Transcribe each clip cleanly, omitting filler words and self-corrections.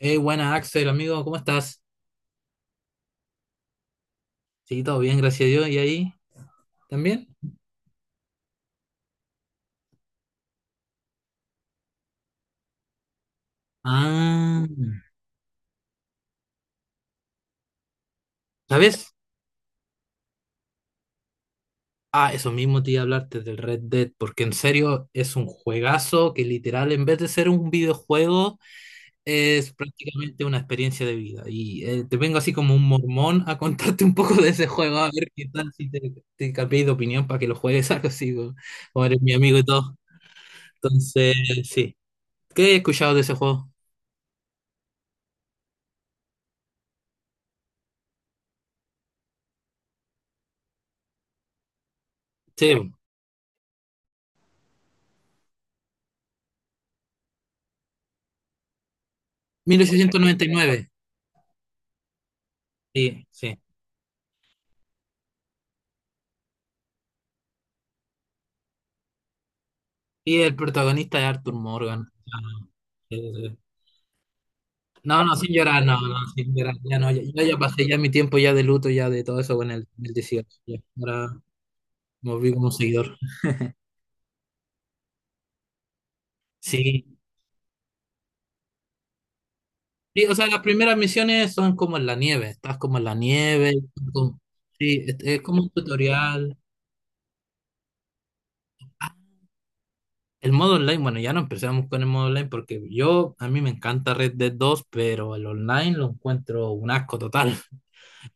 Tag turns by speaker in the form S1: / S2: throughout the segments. S1: Buena Axel, amigo, ¿cómo estás? Sí, todo bien, gracias a Dios. ¿Y ahí también? Ah, ¿sabes? Ah, eso mismo te iba a hablarte del Red Dead, porque en serio es un juegazo que literal, en vez de ser un videojuego, es prácticamente una experiencia de vida. Y te vengo así como un mormón a contarte un poco de ese juego, a ver qué tal si te cambié de opinión para que lo juegues algo así, como eres mi amigo y todo. Entonces, sí. ¿Qué he escuchado de ese juego? Sí, 1899. Sí, sí. Y el protagonista es Arthur Morgan. Ah, sí, sí. No, no, sin llorar, no, no, sin llorar. Ya no, ya, yo ya pasé ya mi tiempo ya de luto, ya de todo eso con el 18 ya. Ahora me volví como seguidor. Sí. Sí, o sea, las primeras misiones son como en la nieve. Estás como en la nieve. como- sí, es como un tutorial. El modo online, bueno, ya no empezamos con el modo online porque a mí me encanta Red Dead dos, pero el online lo encuentro un asco total.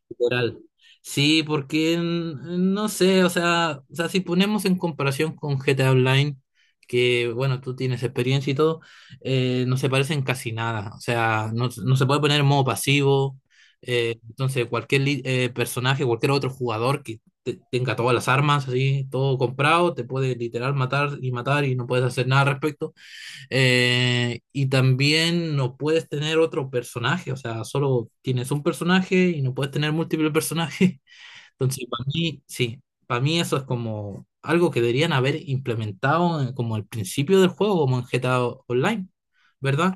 S1: Literal. Sí, porque no sé, o sea, si ponemos en comparación con GTA Online, que bueno, tú tienes experiencia y todo, no se parecen casi nada. O sea, no, no se puede poner en modo pasivo. Entonces, cualquier personaje, cualquier otro jugador que tenga todas las armas, así, todo comprado, te puede literal matar y matar y no puedes hacer nada al respecto. Y también no puedes tener otro personaje, o sea, solo tienes un personaje y no puedes tener múltiples personajes. Entonces, para mí, sí, para mí eso es como algo que deberían haber implementado como al principio del juego, como en GTA Online, ¿verdad?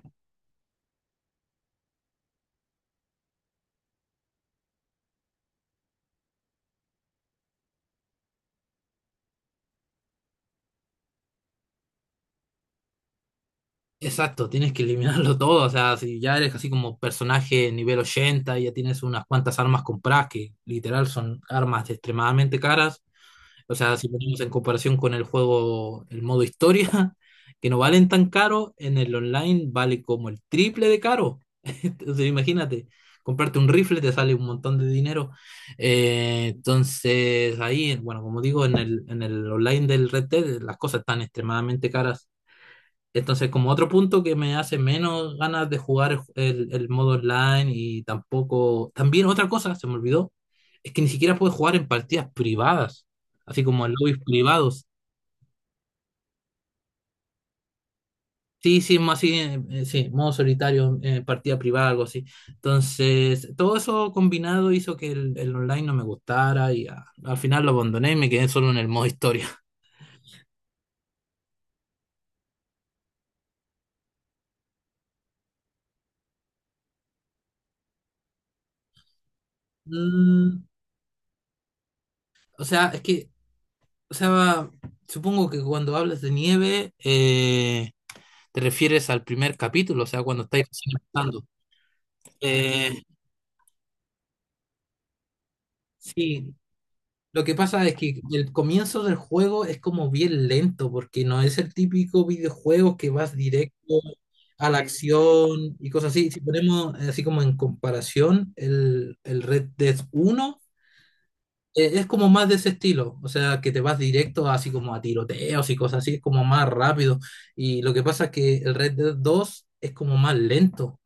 S1: Exacto, tienes que eliminarlo todo, o sea, si ya eres así como personaje nivel 80 y ya tienes unas cuantas armas compradas que literal son armas extremadamente caras. O sea, si ponemos en comparación con el juego, el modo historia, que no valen tan caro, en el online vale como el triple de caro. Entonces, imagínate, comprarte un rifle te sale un montón de dinero. Entonces, ahí, bueno, como digo, en el online del Red Dead las cosas están extremadamente caras. Entonces, como otro punto que me hace menos ganas de jugar el modo online y tampoco. También otra cosa, se me olvidó, es que ni siquiera puedes jugar en partidas privadas, así como en lobbies privados. Sí, sí, más así, sí, modo solitario, partida privada, algo así. Entonces, todo eso combinado hizo que el online no me gustara y al final lo abandoné y me quedé solo en el modo historia. Mm, o sea, es que, o sea, supongo que cuando hablas de nieve, te refieres al primer capítulo, o sea, cuando estáis recién empezando. Eh, sí, lo que pasa es que el comienzo del juego es como bien lento, porque no es el típico videojuego que vas directo a la acción y cosas así. Si ponemos así como en comparación el Red Dead uno es como más de ese estilo, o sea, que te vas directo así como a tiroteos y cosas así, es como más rápido. Y lo que pasa es que el Red Dead dos es como más lento.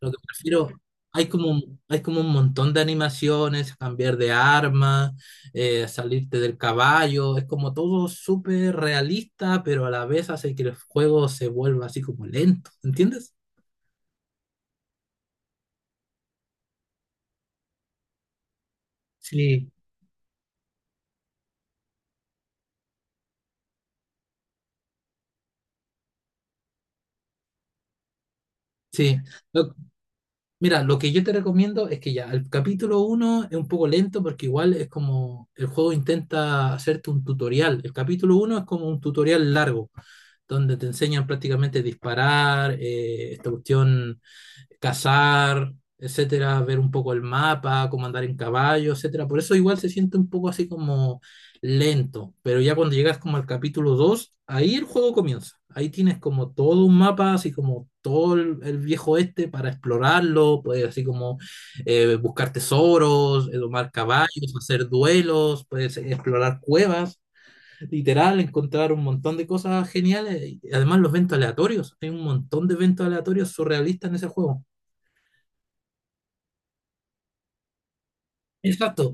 S1: Lo que prefiero, hay como, hay como un montón de animaciones, cambiar de arma, salirte del caballo, es como todo súper realista, pero a la vez hace que el juego se vuelva así como lento, ¿entiendes? Sí, sí, Lo- Mira, lo que yo te recomiendo es que ya el capítulo uno es un poco lento porque igual es como el juego intenta hacerte un tutorial. El capítulo uno es como un tutorial largo, donde te enseñan prácticamente disparar, esta cuestión cazar, etcétera, ver un poco el mapa, cómo andar en caballo, etcétera. Por eso igual se siente un poco así como lento, pero ya cuando llegas como al capítulo 2, ahí el juego comienza. Ahí tienes como todo un mapa, así como todo el viejo este para explorarlo, puedes así como buscar tesoros, domar caballos, hacer duelos, puedes explorar cuevas. Literal, encontrar un montón de cosas geniales y además los eventos aleatorios. Hay un montón de eventos aleatorios surrealistas en ese juego. Exacto.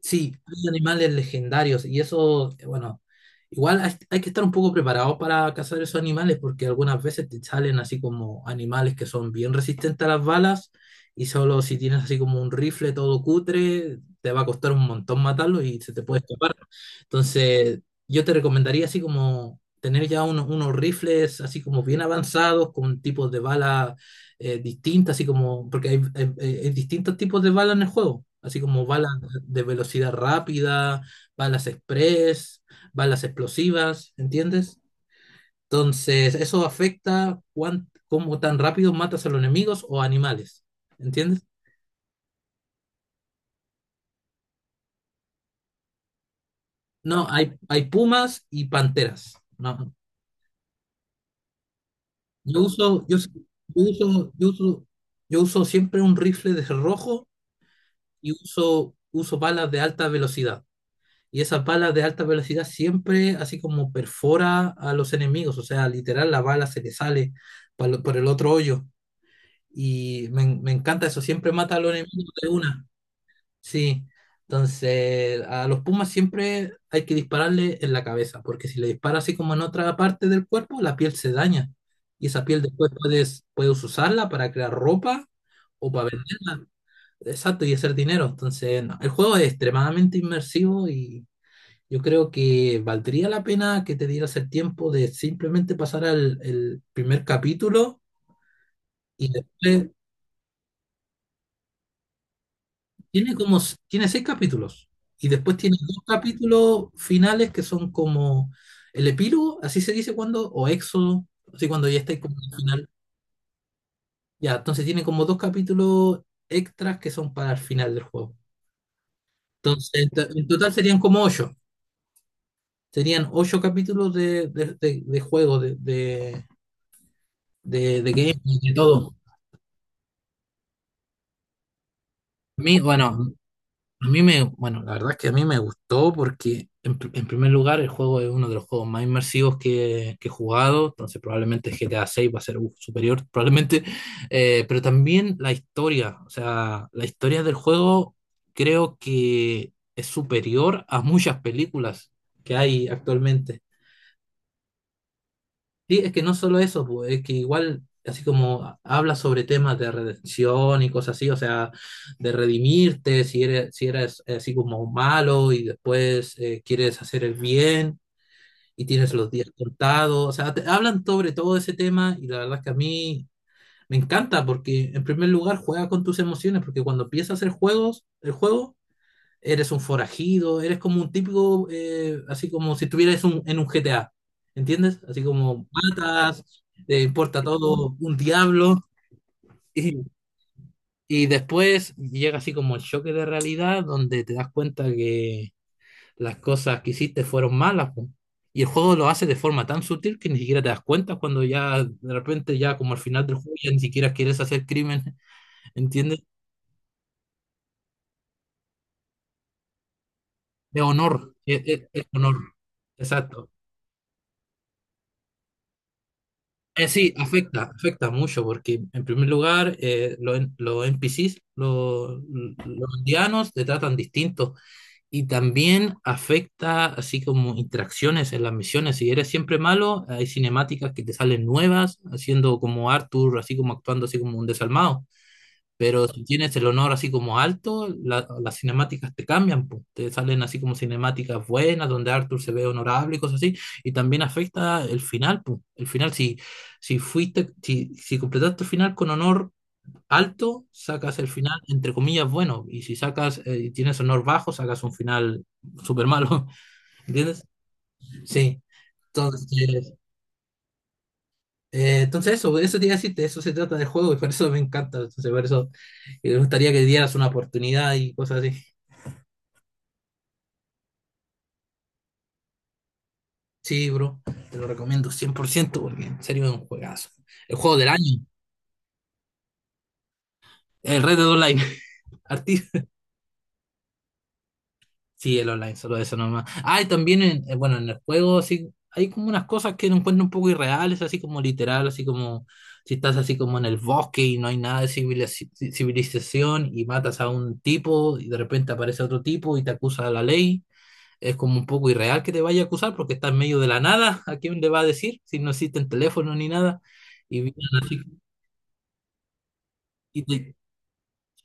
S1: Sí, hay animales legendarios y eso, bueno, igual hay que estar un poco preparados para cazar esos animales porque algunas veces te salen así como animales que son bien resistentes a las balas y solo si tienes así como un rifle todo cutre, te va a costar un montón matarlo y se te puede escapar. Entonces, yo te recomendaría así como tener ya unos rifles así como bien avanzados con tipos de balas distintas, así como, porque hay distintos tipos de balas en el juego, así como balas de velocidad rápida, balas express, balas explosivas, ¿entiendes? Entonces, eso afecta cuán, cómo tan rápido matas a los enemigos o animales, ¿entiendes? No, hay pumas y panteras. No, yo uso, yo, uso, yo uso, yo uso yo uso siempre un rifle de rojo y uso balas de alta velocidad. Y esas balas de alta velocidad siempre así como perfora a los enemigos, o sea, literal la bala se le sale pa por el otro hoyo. Me encanta eso, siempre mata a los enemigos de una. Sí, entonces a los pumas siempre hay que dispararle en la cabeza, porque si le dispara así como en otra parte del cuerpo, la piel se daña. Y esa piel después puedes usarla para crear ropa o para venderla. Exacto, y hacer dinero. Entonces, no, el juego es extremadamente inmersivo y yo creo que valdría la pena que te dieras el tiempo de simplemente pasar al el primer capítulo y después tiene como s- tiene seis capítulos y después tiene dos capítulos finales que son como el epílogo, así se dice cuando, o éxodo, así cuando ya estáis como en el final. Ya, entonces tiene como dos capítulos extras que son para el final del juego. Entonces, en total serían como ocho. Serían ocho capítulos de, de juego, de game, de todo. A mí, bueno, a mí me, bueno, la verdad es que a mí me gustó porque en, en primer lugar el juego es uno de los juegos más inmersivos que he jugado, entonces probablemente GTA 6 va a ser uf, superior, probablemente, pero también la historia, o sea, la historia del juego creo que es superior a muchas películas que hay actualmente. Sí, es que no solo eso, pues, es que igual, así como habla sobre temas de redención y cosas así, o sea, de redimirte, si eres así como malo y después quieres hacer el bien y tienes los días contados, o sea, hablan sobre todo ese tema y la verdad es que a mí me encanta porque en primer lugar juega con tus emociones, porque cuando empiezas a hacer juegos, el juego eres un forajido, eres como un típico, así como si estuvieras en un GTA, ¿entiendes? Así como matas, te importa todo, un diablo, y, y después llega así como el choque de realidad donde te das cuenta que las cosas que hiciste fueron malas, po. Y el juego lo hace de forma tan sutil que ni siquiera te das cuenta cuando ya de repente ya como al final del juego ya ni siquiera quieres hacer crimen, ¿entiendes? De honor, es honor, exacto. Sí, afecta mucho porque en primer lugar los NPCs, los indianos te tratan distinto y también afecta así como interacciones en las misiones. Si eres siempre malo, hay cinemáticas que te salen nuevas, haciendo como Arthur, así como actuando así como un desalmado. Pero si tienes el honor así como alto, las cinemáticas te cambian, pues. Te salen así como cinemáticas buenas, donde Arthur se ve honorable y cosas así. Y también afecta el final, pues. El final, si, si fuiste, si completaste el final con honor alto, sacas el final, entre comillas, bueno. Y si sacas, y tienes honor bajo, sacas un final súper malo. ¿Entiendes? Sí. Entonces, eso te iba a decir, de eso se trata del juego y por eso me encanta. Entonces, por eso me gustaría que dieras una oportunidad y cosas así. Sí, bro, te lo recomiendo 100% porque en serio es un juegazo. El juego del año, el Red Dead Online. Arti- Sí, el online, solo eso nomás. Ah, y también, bueno, en el juego sí, hay como unas cosas que lo encuentro un poco irreales, así como literal, así como si estás así como en el bosque y no hay nada de civilización y matas a un tipo y de repente aparece otro tipo y te acusa a la ley. Es como un poco irreal que te vaya a acusar porque está en medio de la nada. ¿A quién le va a decir si no existen teléfonos ni nada? Y vienen así y te,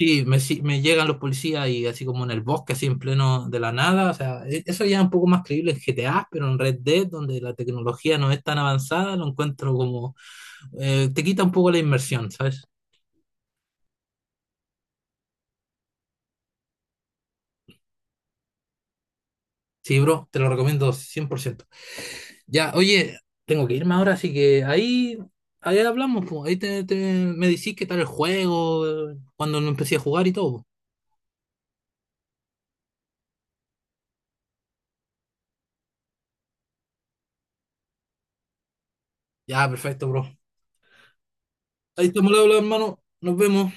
S1: Sí, me, si- me llegan los policías y así como en el bosque, así en pleno de la nada. O sea, eso ya es un poco más creíble en GTA, pero en Red Dead, donde la tecnología no es tan avanzada, lo encuentro como. Te quita un poco la inmersión, ¿sabes? Sí, bro, te lo recomiendo cien por ciento. Ya, oye, tengo que irme ahora, así que ahí hablamos, po. Ahí me decís qué tal el juego, cuando lo empecé a jugar y todo. Ya, perfecto, bro. Ahí estamos, al habla, hermano. Nos vemos.